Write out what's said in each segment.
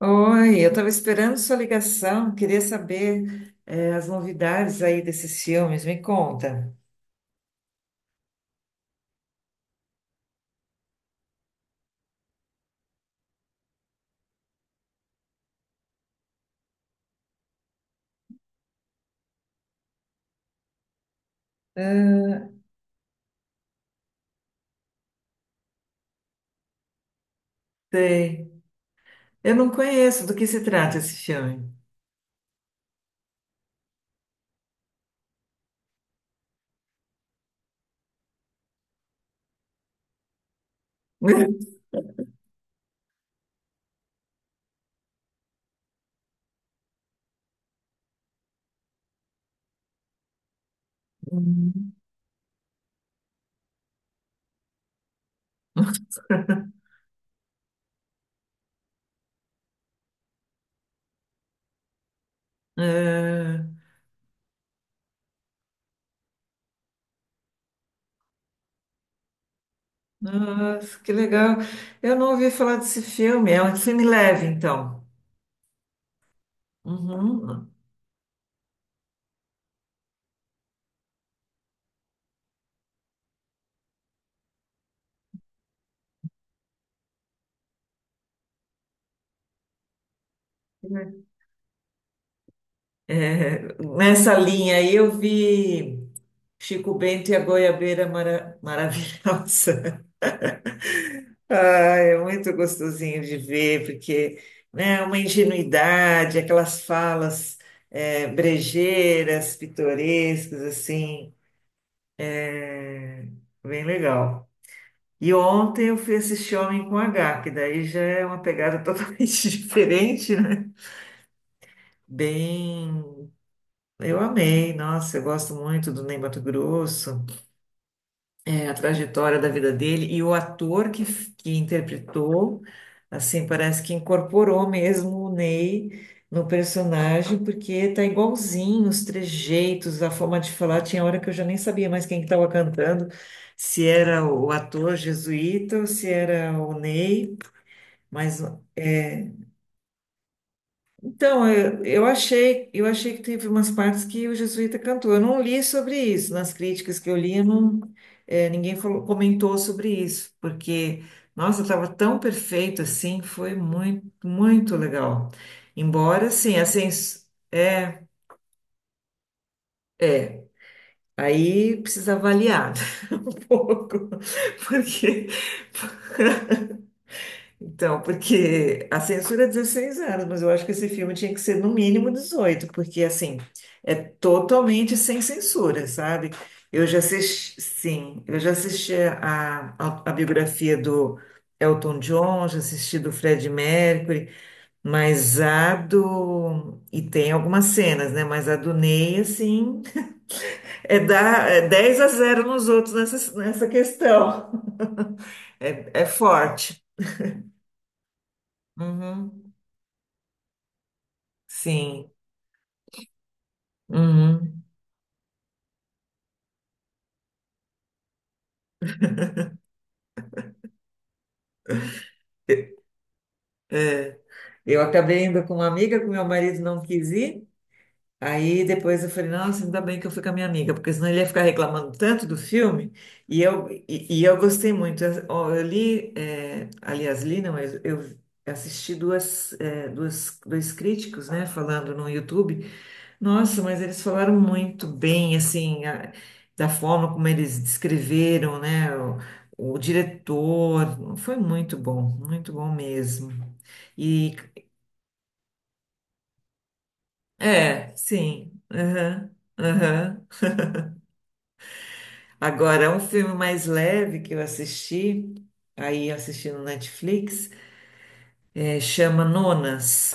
Oi, eu estava esperando sua ligação, queria saber as novidades aí desses filmes, me conta. Ah, sei. Eu não conheço, do que se trata esse filme? Hum. Ah, nossa, que legal. Eu não ouvi falar desse filme, é um filme leve, então. Uhum. É, nessa linha aí eu vi Chico Bento e a Goiabeira Maravilhosa. Ah, é muito gostosinho de ver, porque, né, uma ingenuidade, aquelas falas brejeiras, pitorescas, assim, é bem legal. E ontem eu fui assistir Homem com H, que daí já é uma pegada totalmente diferente, né? Bem, eu amei, nossa, eu gosto muito do Ney Matogrosso. É, a trajetória da vida dele e o ator que interpretou, assim, parece que incorporou mesmo o Ney no personagem, porque tá igualzinho os trejeitos, a forma de falar. Tinha hora que eu já nem sabia mais quem que estava cantando, se era o ator jesuíta ou se era o Ney, mas é, então, eu achei, eu achei que teve umas partes que o Jesuíta cantou. Eu não li sobre isso. Nas críticas que eu li, eu não, ninguém comentou sobre isso, porque, nossa, estava tão perfeito assim, foi muito, muito legal. Embora, sim, a sens... é, é, aí precisa avaliar um pouco, porque então, porque a censura é 16 anos, mas eu acho que esse filme tinha que ser no mínimo 18 porque assim, é totalmente sem censura, sabe? Eu já assisti, sim, eu já assisti a biografia do Elton John, já assisti do Fred Mercury, mas a do. E tem algumas cenas, né? Mas a do Ney, assim, é, dar, é 10 a zero nos outros nessa, nessa questão. É, é forte. Uhum. Sim. Uhum. Eu acabei indo com uma amiga que meu marido não quis ir. Aí depois eu falei, nossa, ainda bem que eu fui com a minha amiga, porque senão ele ia ficar reclamando tanto do filme. E eu gostei muito. Eu, ó, eu li, é, aliás, li, não, eu assisti duas, é, duas, dois críticos, né, falando no YouTube. Nossa, mas eles falaram muito bem, assim, da forma como eles descreveram, né, o diretor. Foi muito bom mesmo. E, é, sim, aham, aham. Agora, um filme mais leve que eu assisti, aí eu assisti no Netflix, é, chama Nonas,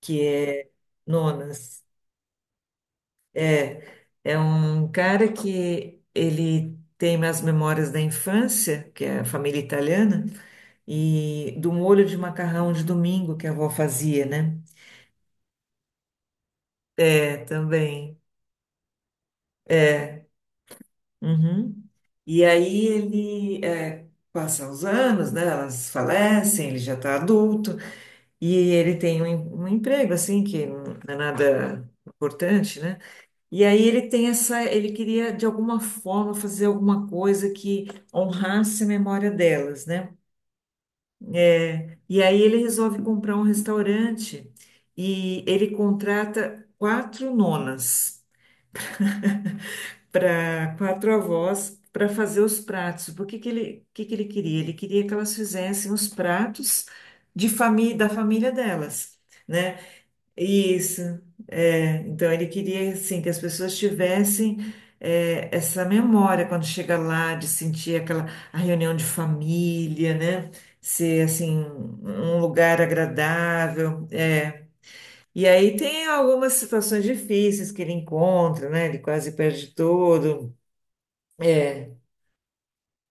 que é Nonas. É, é um cara que ele tem as memórias da infância, que é a família italiana, e do molho de macarrão de domingo que a avó fazia, né? É, também. É. Uhum. E aí ele é, passa os anos, né? Elas falecem, ele já está adulto. E ele tem um emprego, assim, que não é nada importante, né? E aí ele tem essa, ele queria, de alguma forma, fazer alguma coisa que honrasse a memória delas, né? É, e aí ele resolve comprar um restaurante e ele contrata 4 nonas para 4 avós para fazer os pratos. Por que que ele queria? Ele queria que elas fizessem os pratos de família da família delas, né? Isso, é, então ele queria assim que as pessoas tivessem é, essa memória quando chega lá de sentir aquela a reunião de família, né? Ser assim um lugar agradável, é. E aí tem algumas situações difíceis que ele encontra, né? Ele quase perde tudo, é.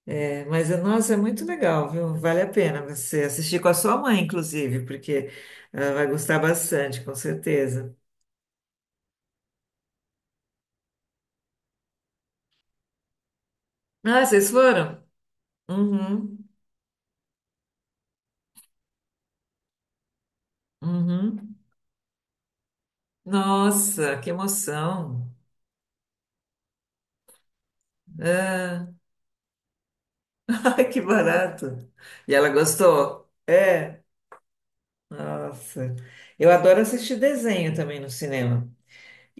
É, mas nossa, é muito legal, viu? Vale a pena você assistir com a sua mãe, inclusive, porque ela vai gostar bastante, com certeza. Ah, vocês foram? Uhum, uhum. Nossa, que emoção. Ah, ai, que barato. E ela gostou? É, nossa. Eu adoro assistir desenho também no cinema.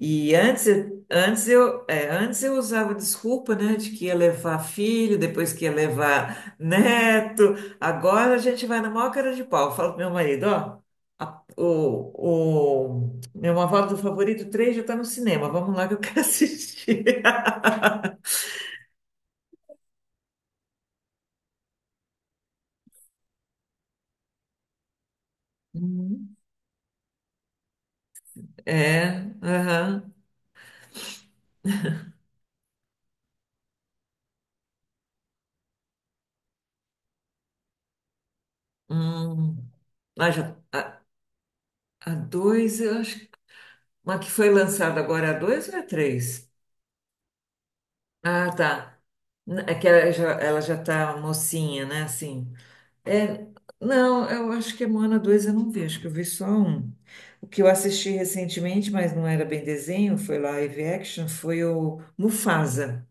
E antes, antes eu usava desculpa, né, de que ia levar filho, depois que ia levar neto. Agora a gente vai na maior cara de pau. Eu falo pro meu marido, ó, o meu avó do Favorito três já tá no cinema. Vamos lá que eu quero assistir. Hum, É, aham. Hum. Ah, já, a dois, eu acho. Que- mas que foi lançada agora é a dois ou é a três? Ah, tá. N- é que ela já tá mocinha, né? Assim. É, não, eu acho que a Moana 2 eu não vi, acho que eu vi só um. O que eu assisti recentemente, mas não era bem desenho, foi live action, foi o Mufasa.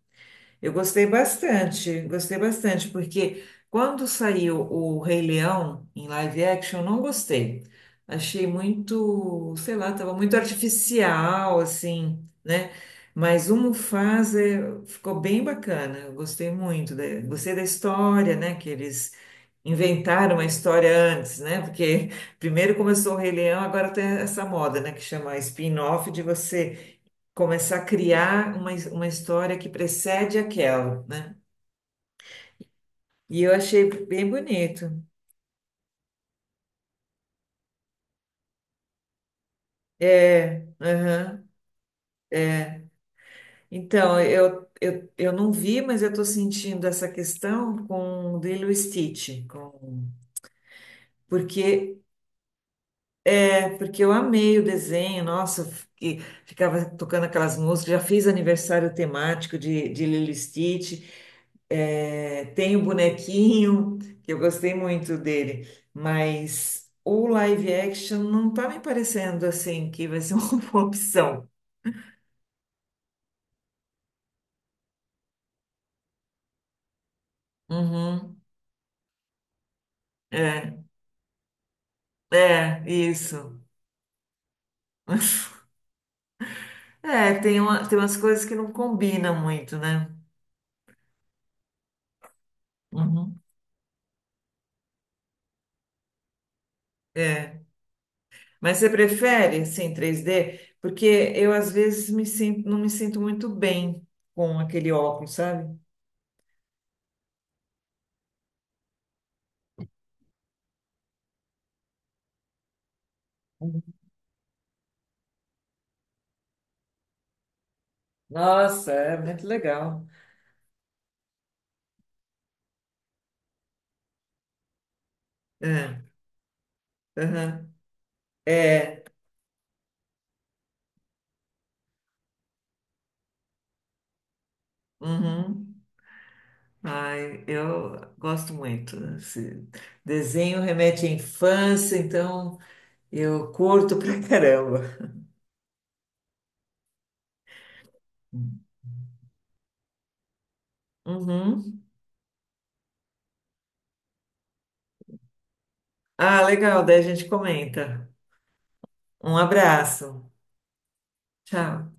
Eu gostei bastante, porque quando saiu o Rei Leão em live action, eu não gostei. Achei muito, sei lá, estava muito artificial, assim, né? Mas o Mufasa é, ficou bem bacana, eu gostei muito, da, gostei da história, né? Que eles inventaram a história antes, né? Porque primeiro começou o Rei Leão, agora tem essa moda, né? Que chama spin-off de você começar a criar uma história que precede aquela, né? E eu achei bem bonito. É, aham. Então, eu não vi, mas eu estou sentindo essa questão com o Lilo e Stitch, com... porque é porque eu amei o desenho, nossa, que ficava tocando aquelas músicas, já fiz aniversário temático de Lilo e Stitch, é, tem o bonequinho, que eu gostei muito dele, mas o live action não tá me parecendo assim que vai ser uma boa opção. Uhum, é, é, isso. É, tem uma, tem umas coisas que não combinam muito, né? Uhum, é. Mas você prefere sem 3D? Porque eu às vezes me sinto, não me sinto muito bem com aquele óculos, sabe? Nossa, é muito legal. É, aham, é, uhum. Ai, eu gosto muito. Esse desenho remete à infância, então eu curto pra caramba. Uhum. Ah, legal, daí a gente comenta. Um abraço. Tchau.